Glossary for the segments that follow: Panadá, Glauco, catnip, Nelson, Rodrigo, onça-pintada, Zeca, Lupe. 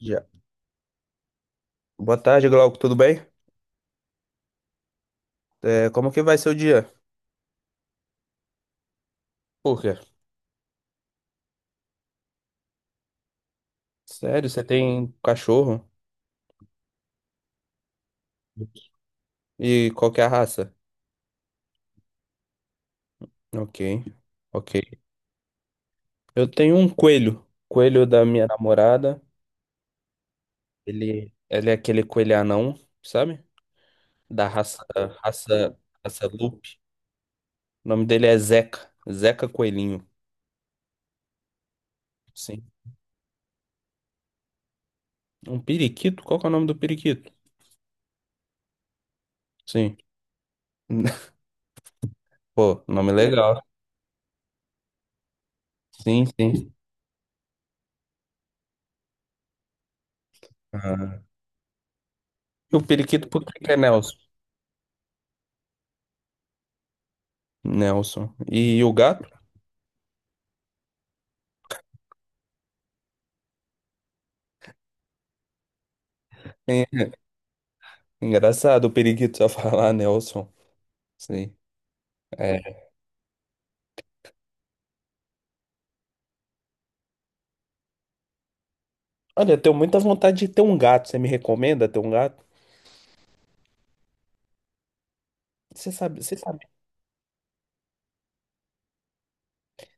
Já. Boa tarde, Glauco, tudo bem? É, como que vai ser o dia? Por quê? Sério, você tem cachorro? E qual que é a raça? Ok, ok. Eu tenho um coelho. Coelho da minha namorada. Ele é aquele coelho anão, sabe? Da raça, raça, raça Lupe. O nome dele é Zeca. Zeca Coelhinho. Sim. Um periquito? Qual que é o nome do periquito? Sim. Pô, nome legal. Sim, sim. Ah. E o periquito, por que que é Nelson? Nelson. E o gato? É engraçado o periquito só falar Nelson. Sim. É. Olha, eu tenho muita vontade de ter um gato. Você me recomenda ter um gato? Você sabe, você sabe,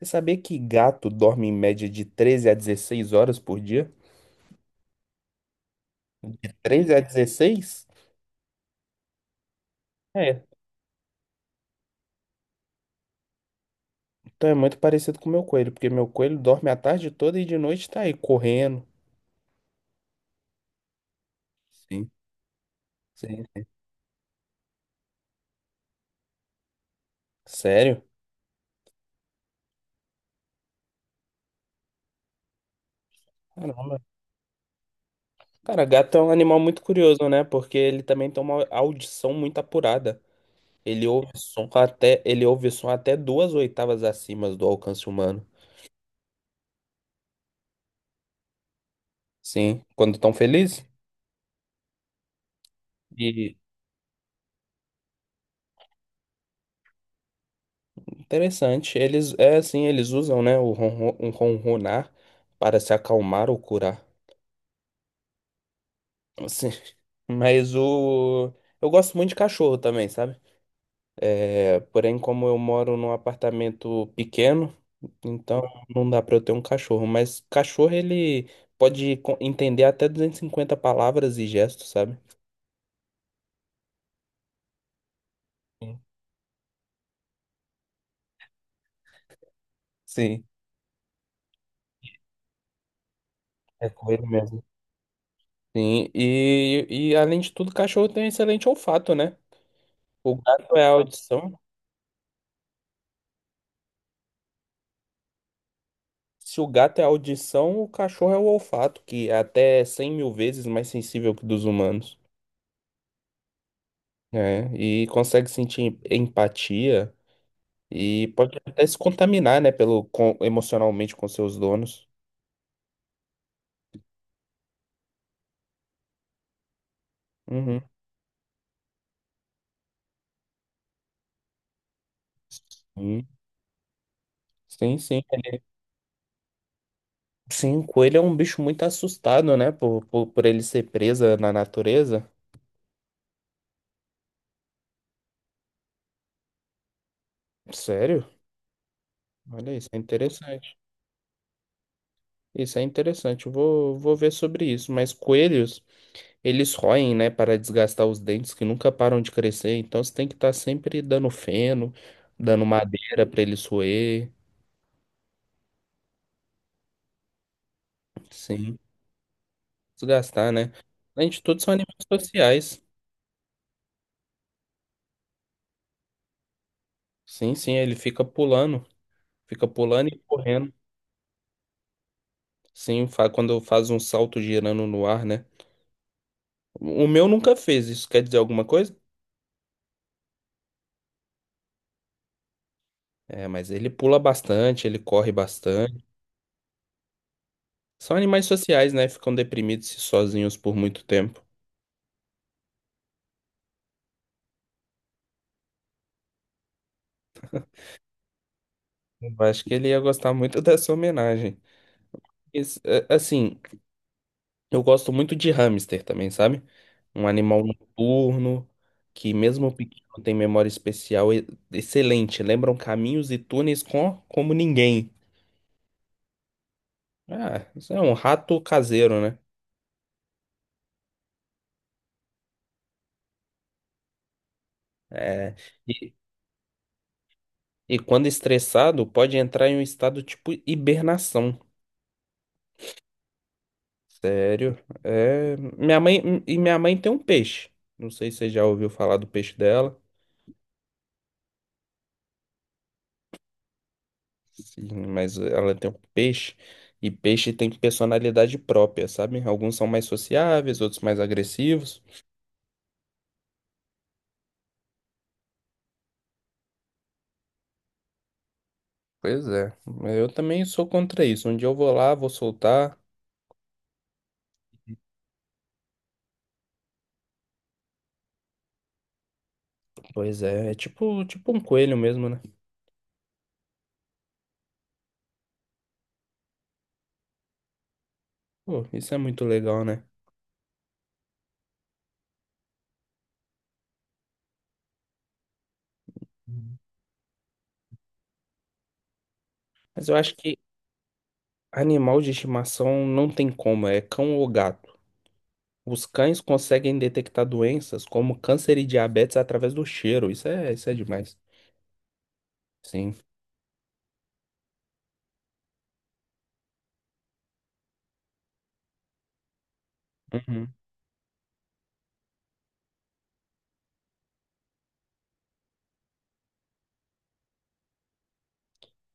você sabia que gato dorme em média de 13 a 16 horas por dia? 13 a 16. É. Então é muito parecido com o meu coelho, porque meu coelho dorme a tarde toda e de noite tá aí correndo. Sim. Sim. Sério? Caramba. Cara, gato é um animal muito curioso, né? Porque ele também tem uma audição muito apurada. Ele ouve som até duas oitavas acima do alcance humano. Sim, quando estão felizes. E interessante, eles é assim, eles usam, né, um ronronar para se acalmar ou curar. Assim, mas o eu gosto muito de cachorro também, sabe? É, porém, como eu moro num apartamento pequeno, então não dá para eu ter um cachorro, mas cachorro ele entender até 250 palavras e gestos, sabe? Sim. Sim. É com ele mesmo. Sim, e além de tudo, o cachorro tem um excelente olfato, né? O gato é a audição. Se o gato é a audição, o cachorro é o olfato, que é até 100.000 vezes mais sensível que o dos humanos. Né? E consegue sentir empatia e pode até se contaminar, né, pelo, emocionalmente com seus donos. Uhum. Sim, sim. Sim, sim, o coelho é um bicho muito assustado, né, por ele ser presa na natureza. Sério? Olha isso, é interessante. Isso é interessante, vou ver sobre isso. Mas coelhos, eles roem, né, para desgastar os dentes que nunca param de crescer. Então você tem que estar sempre dando feno, dando madeira para eles roer. Sim, desgastar, né? Além de tudo, são animais sociais. Sim, sim, fica pulando e correndo. Sim, quando faz um salto girando no ar, né? O meu nunca fez, isso quer dizer alguma coisa? É, mas ele pula bastante, ele corre bastante. São animais sociais, né? Ficam deprimidos e sozinhos por muito tempo. Eu acho que ele ia gostar muito dessa homenagem. É, assim, eu gosto muito de hamster também, sabe? Um animal noturno que, mesmo pequeno, tem memória especial excelente. Lembram caminhos e túneis como ninguém. Ah, isso é um rato caseiro, né? É, e, quando estressado, pode entrar em um estado tipo hibernação. Sério. É, minha mãe tem um peixe. Não sei se você já ouviu falar do peixe dela, sim, mas ela tem um peixe e peixe tem personalidade própria, sabe? Alguns são mais sociáveis, outros mais agressivos. Pois é. Eu também sou contra isso. Um dia eu vou lá, vou soltar. Pois é, é tipo um coelho mesmo, né? Pô, isso é muito legal, né? Mas eu acho que animal de estimação não tem como, é cão ou gato. Os cães conseguem detectar doenças como câncer e diabetes através do cheiro. Isso é demais. Sim. Uhum.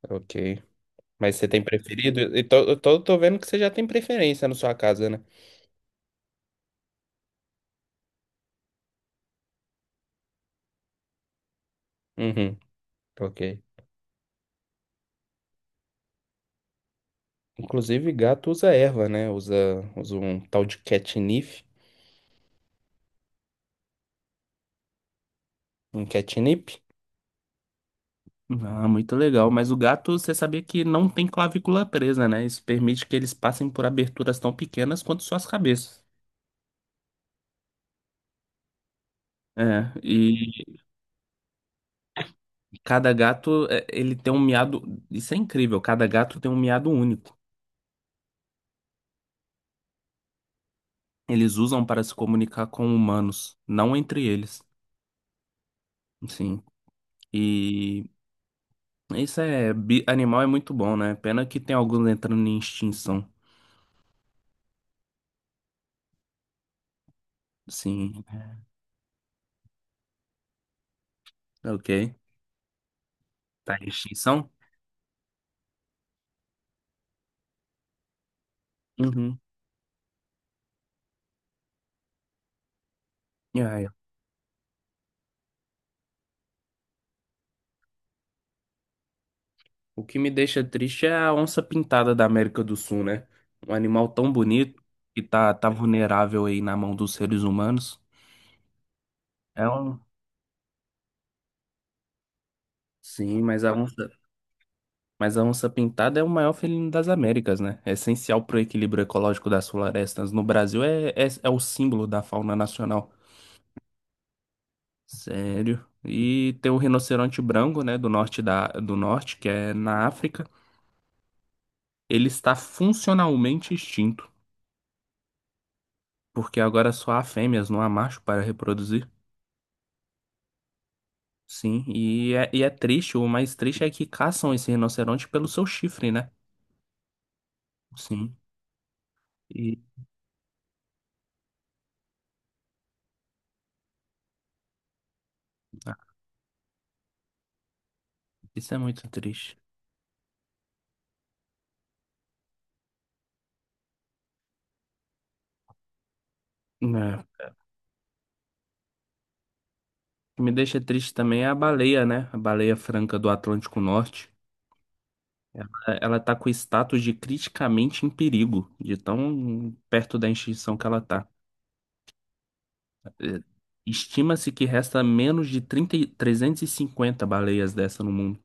Ok. Mas você tem preferido? Tô vendo que você já tem preferência na sua casa, né? Uhum. Ok. Inclusive, gato usa erva, né? Usa um tal de catnip. Um catnip. Ah, muito legal. Mas o gato, você sabia que não tem clavícula presa, né? Isso permite que eles passem por aberturas tão pequenas quanto suas cabeças. É, e cada gato, é, ele tem um miado. Isso é incrível. Cada gato tem um miado único. Eles usam para se comunicar com humanos, não entre eles. Sim. E isso é. Animal é muito bom, né? Pena que tem alguns entrando em extinção. Sim. Ok. Tá em extinção? Uhum. Ah, é. O que me deixa triste é a onça pintada da América do Sul, né? Um animal tão bonito que tá vulnerável aí na mão dos seres humanos. É um. Sim, mas a onça. Mas a onça-pintada é o maior felino das Américas, né? É essencial para o equilíbrio ecológico das florestas. No Brasil é o símbolo da fauna nacional. Sério. E tem o rinoceronte branco, né, do norte, que é na África. Ele está funcionalmente extinto, porque agora só há fêmeas, não há macho para reproduzir. Sim, e é triste, o mais triste é que caçam esse rinoceronte pelo seu chifre, né? Sim. E ah, isso é muito triste. É. O que me deixa triste também é a baleia, né? A baleia franca do Atlântico Norte. Ela, ela tá com o status de criticamente em perigo, de tão perto da extinção que ela tá. É, estima-se que resta menos de 30, 350 baleias dessa no mundo.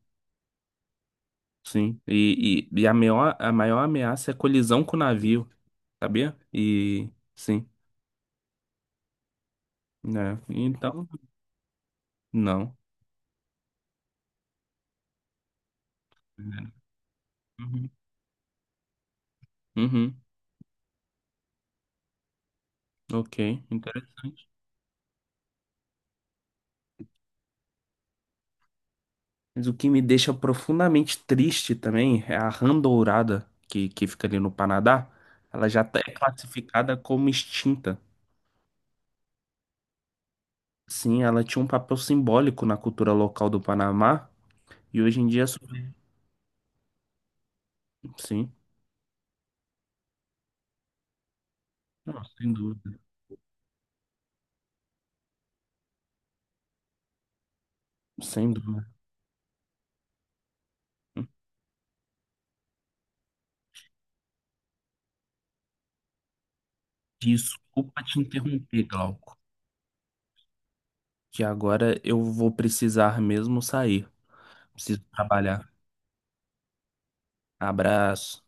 Sim. E a maior ameaça é colisão com o navio, sabia? E sim, né? Então, não. Uhum. Uhum. Ok, interessante. Mas o que me deixa profundamente triste também é a rã dourada que fica ali no Panadá. É classificada como extinta. Sim, ela tinha um papel simbólico na cultura local do Panamá e hoje em dia. É só- Sim, não, sem dúvida, sem dúvida. Desculpa te interromper, Glauco, que agora eu vou precisar mesmo sair. Preciso trabalhar. Abraço.